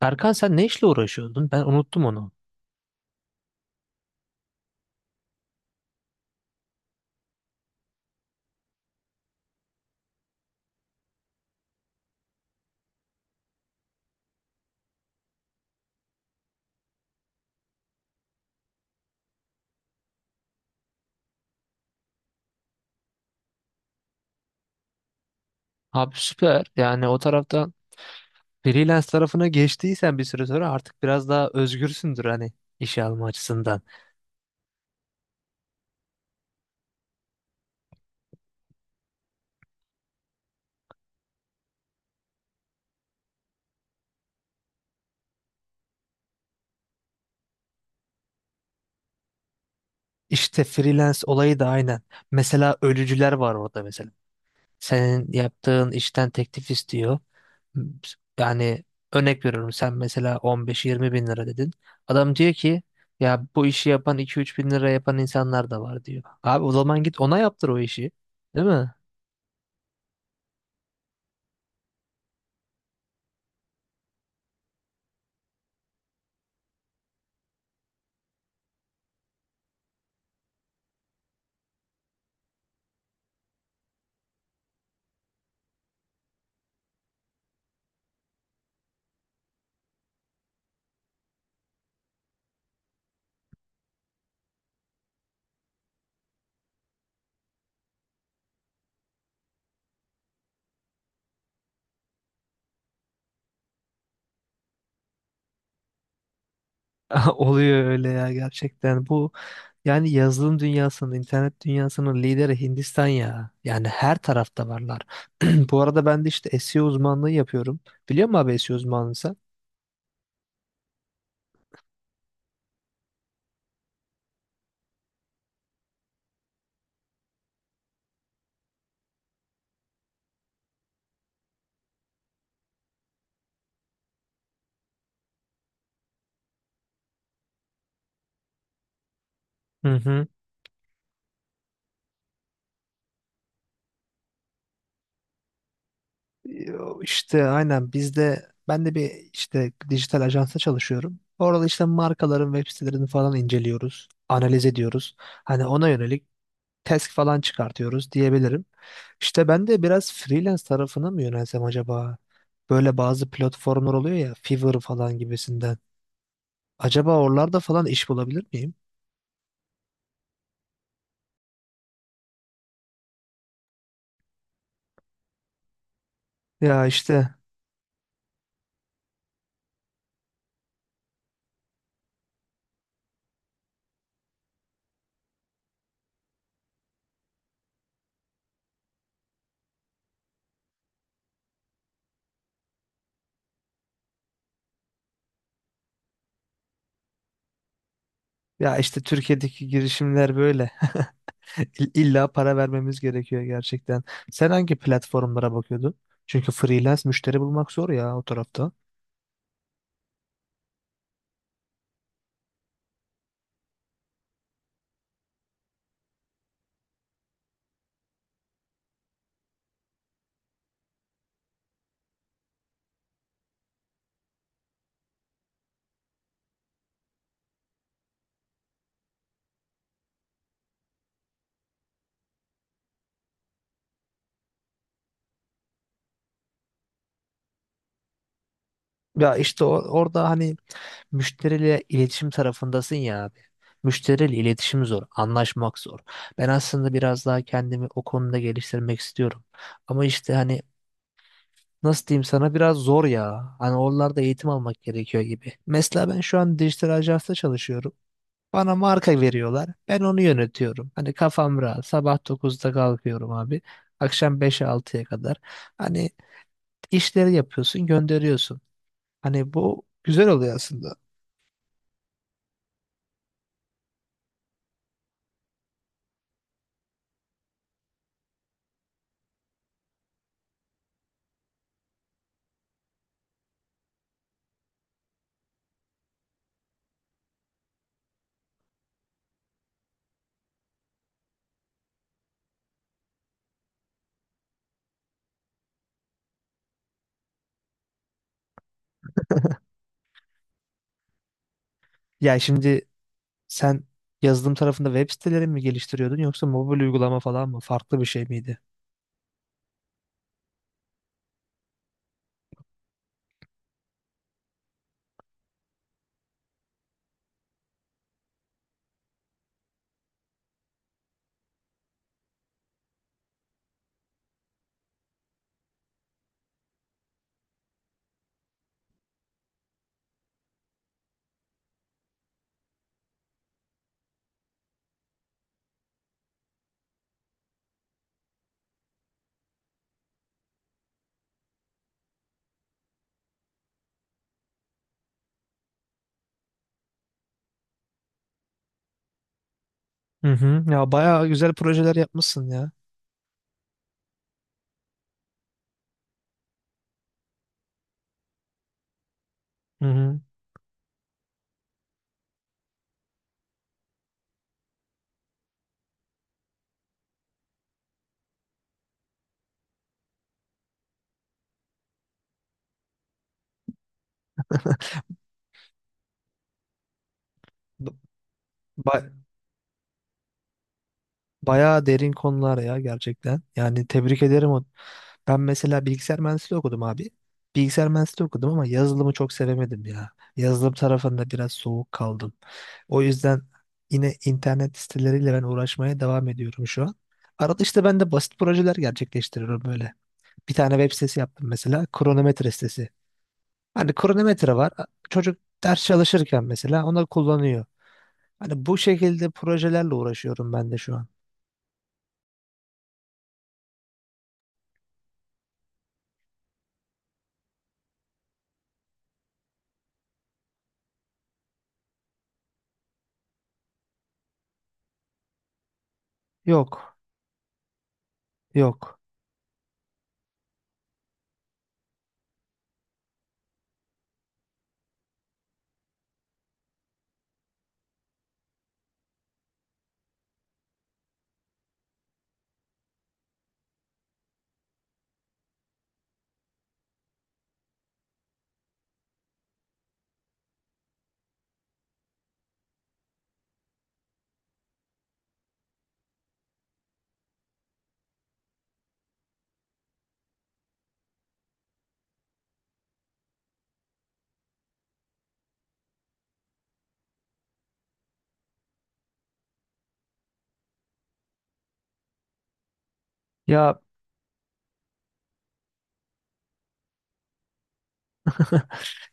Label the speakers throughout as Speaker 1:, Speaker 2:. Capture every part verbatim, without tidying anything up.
Speaker 1: Erkan sen ne işle uğraşıyordun? Ben unuttum onu. Abi süper. Yani o taraftan freelance tarafına geçtiysen bir süre sonra artık biraz daha özgürsündür hani işe alma açısından. İşte freelance olayı da aynen. Mesela ölücüler var orada mesela. Senin yaptığın işten teklif istiyor. Yani örnek veriyorum sen mesela on beş yirmi bin lira dedin. Adam diyor ki ya bu işi yapan iki üç bin lira yapan insanlar da var diyor. Abi o zaman git ona yaptır o işi. Değil mi? Oluyor öyle ya gerçekten. Bu yani yazılım dünyasının, internet dünyasının lideri Hindistan ya. Yani her tarafta varlar. Bu arada ben de işte S E O uzmanlığı yapıyorum. Biliyor musun abi S E O uzmanlığı sen? Hı hı. İşte aynen bizde ben de bir işte dijital ajansa çalışıyorum. Orada işte markaların web sitelerini falan inceliyoruz, analiz ediyoruz. Hani ona yönelik task falan çıkartıyoruz diyebilirim. İşte ben de biraz freelance tarafına mı yönelsem acaba? Böyle bazı platformlar oluyor ya Fiverr falan gibisinden. Acaba oralarda falan iş bulabilir miyim? Ya işte ya işte Türkiye'deki girişimler böyle. İl- İlla para vermemiz gerekiyor gerçekten. Sen hangi platformlara bakıyordun? Çünkü freelance müşteri bulmak zor ya o tarafta. Ya işte o- orada hani müşteriyle iletişim tarafındasın ya abi. Müşteriyle iletişim zor, anlaşmak zor. Ben aslında biraz daha kendimi o konuda geliştirmek istiyorum. Ama işte hani nasıl diyeyim sana biraz zor ya. Hani oralarda eğitim almak gerekiyor gibi. Mesela ben şu an dijital ajansta çalışıyorum. Bana marka veriyorlar. Ben onu yönetiyorum. Hani kafam rahat. Sabah dokuzda kalkıyorum abi. Akşam beşe altıya kadar. Hani işleri yapıyorsun, gönderiyorsun. Hani bu güzel oluyor aslında. Ya şimdi sen yazılım tarafında web siteleri mi geliştiriyordun yoksa mobil uygulama falan mı? Farklı bir şey miydi? Hı hı. Ya bayağı güzel projeler yapmışsın ya. Hı hı. Ba- ba- Bayağı derin konular ya gerçekten. Yani tebrik ederim. o- Ben mesela bilgisayar mühendisliği okudum abi. Bilgisayar mühendisliği okudum ama yazılımı çok sevemedim ya. Yazılım tarafında biraz soğuk kaldım. O yüzden yine internet siteleriyle ben uğraşmaya devam ediyorum şu an. Arada işte ben de basit projeler gerçekleştiriyorum böyle. Bir tane web sitesi yaptım mesela. Kronometre sitesi. Hani kronometre var. Çocuk ders çalışırken mesela onu kullanıyor. Hani bu şekilde projelerle uğraşıyorum ben de şu an. Yok, yok. Ya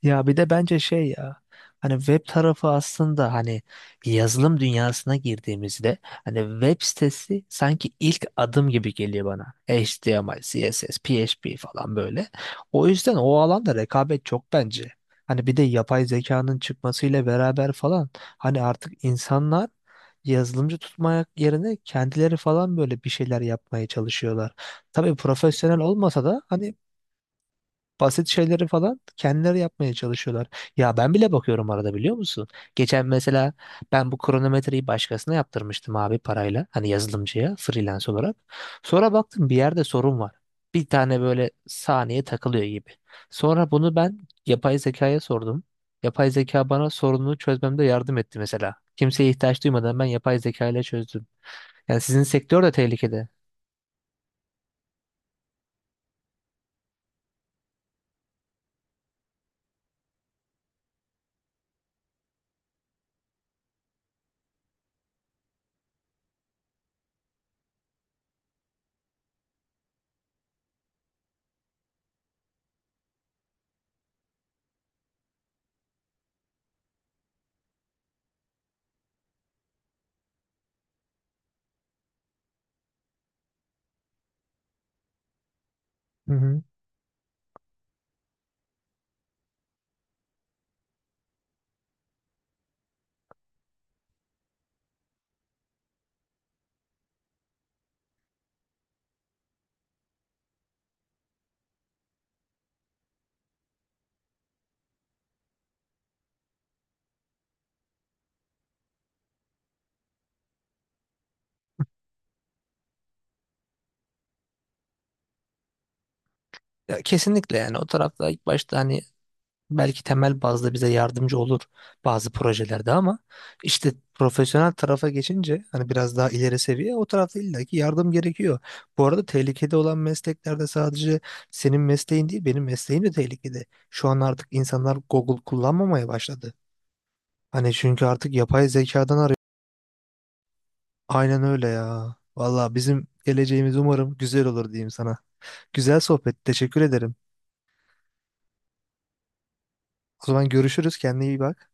Speaker 1: Ya bir de bence şey ya hani web tarafı aslında hani yazılım dünyasına girdiğimizde hani web sitesi sanki ilk adım gibi geliyor bana. H T M L, C S S, P H P falan böyle. O yüzden o alanda rekabet çok bence. Hani bir de yapay zekanın çıkmasıyla beraber falan hani artık insanlar yazılımcı tutmak yerine kendileri falan böyle bir şeyler yapmaya çalışıyorlar. Tabii profesyonel olmasa da hani basit şeyleri falan kendileri yapmaya çalışıyorlar. Ya ben bile bakıyorum arada biliyor musun? Geçen mesela ben bu kronometreyi başkasına yaptırmıştım abi parayla. Hani yazılımcıya freelance olarak. Sonra baktım bir yerde sorun var. Bir tane böyle saniye takılıyor gibi. Sonra bunu ben yapay zekaya sordum. Yapay zeka bana sorununu çözmemde yardım etti mesela. Kimseye ihtiyaç duymadan ben yapay zeka ile çözdüm. Yani sizin sektör de tehlikede. Hı hı. Ya kesinlikle yani o tarafta ilk başta hani belki temel bazda bize yardımcı olur bazı projelerde ama işte profesyonel tarafa geçince hani biraz daha ileri seviye o tarafta illaki yardım gerekiyor. Bu arada tehlikede olan mesleklerde sadece senin mesleğin değil benim mesleğim de tehlikede. Şu an artık insanlar Google kullanmamaya başladı. Hani çünkü artık yapay zekadan arıyor. Aynen öyle ya. Valla bizim geleceğimiz umarım güzel olur diyeyim sana. Güzel sohbet. Teşekkür ederim. O zaman görüşürüz. Kendine iyi bak.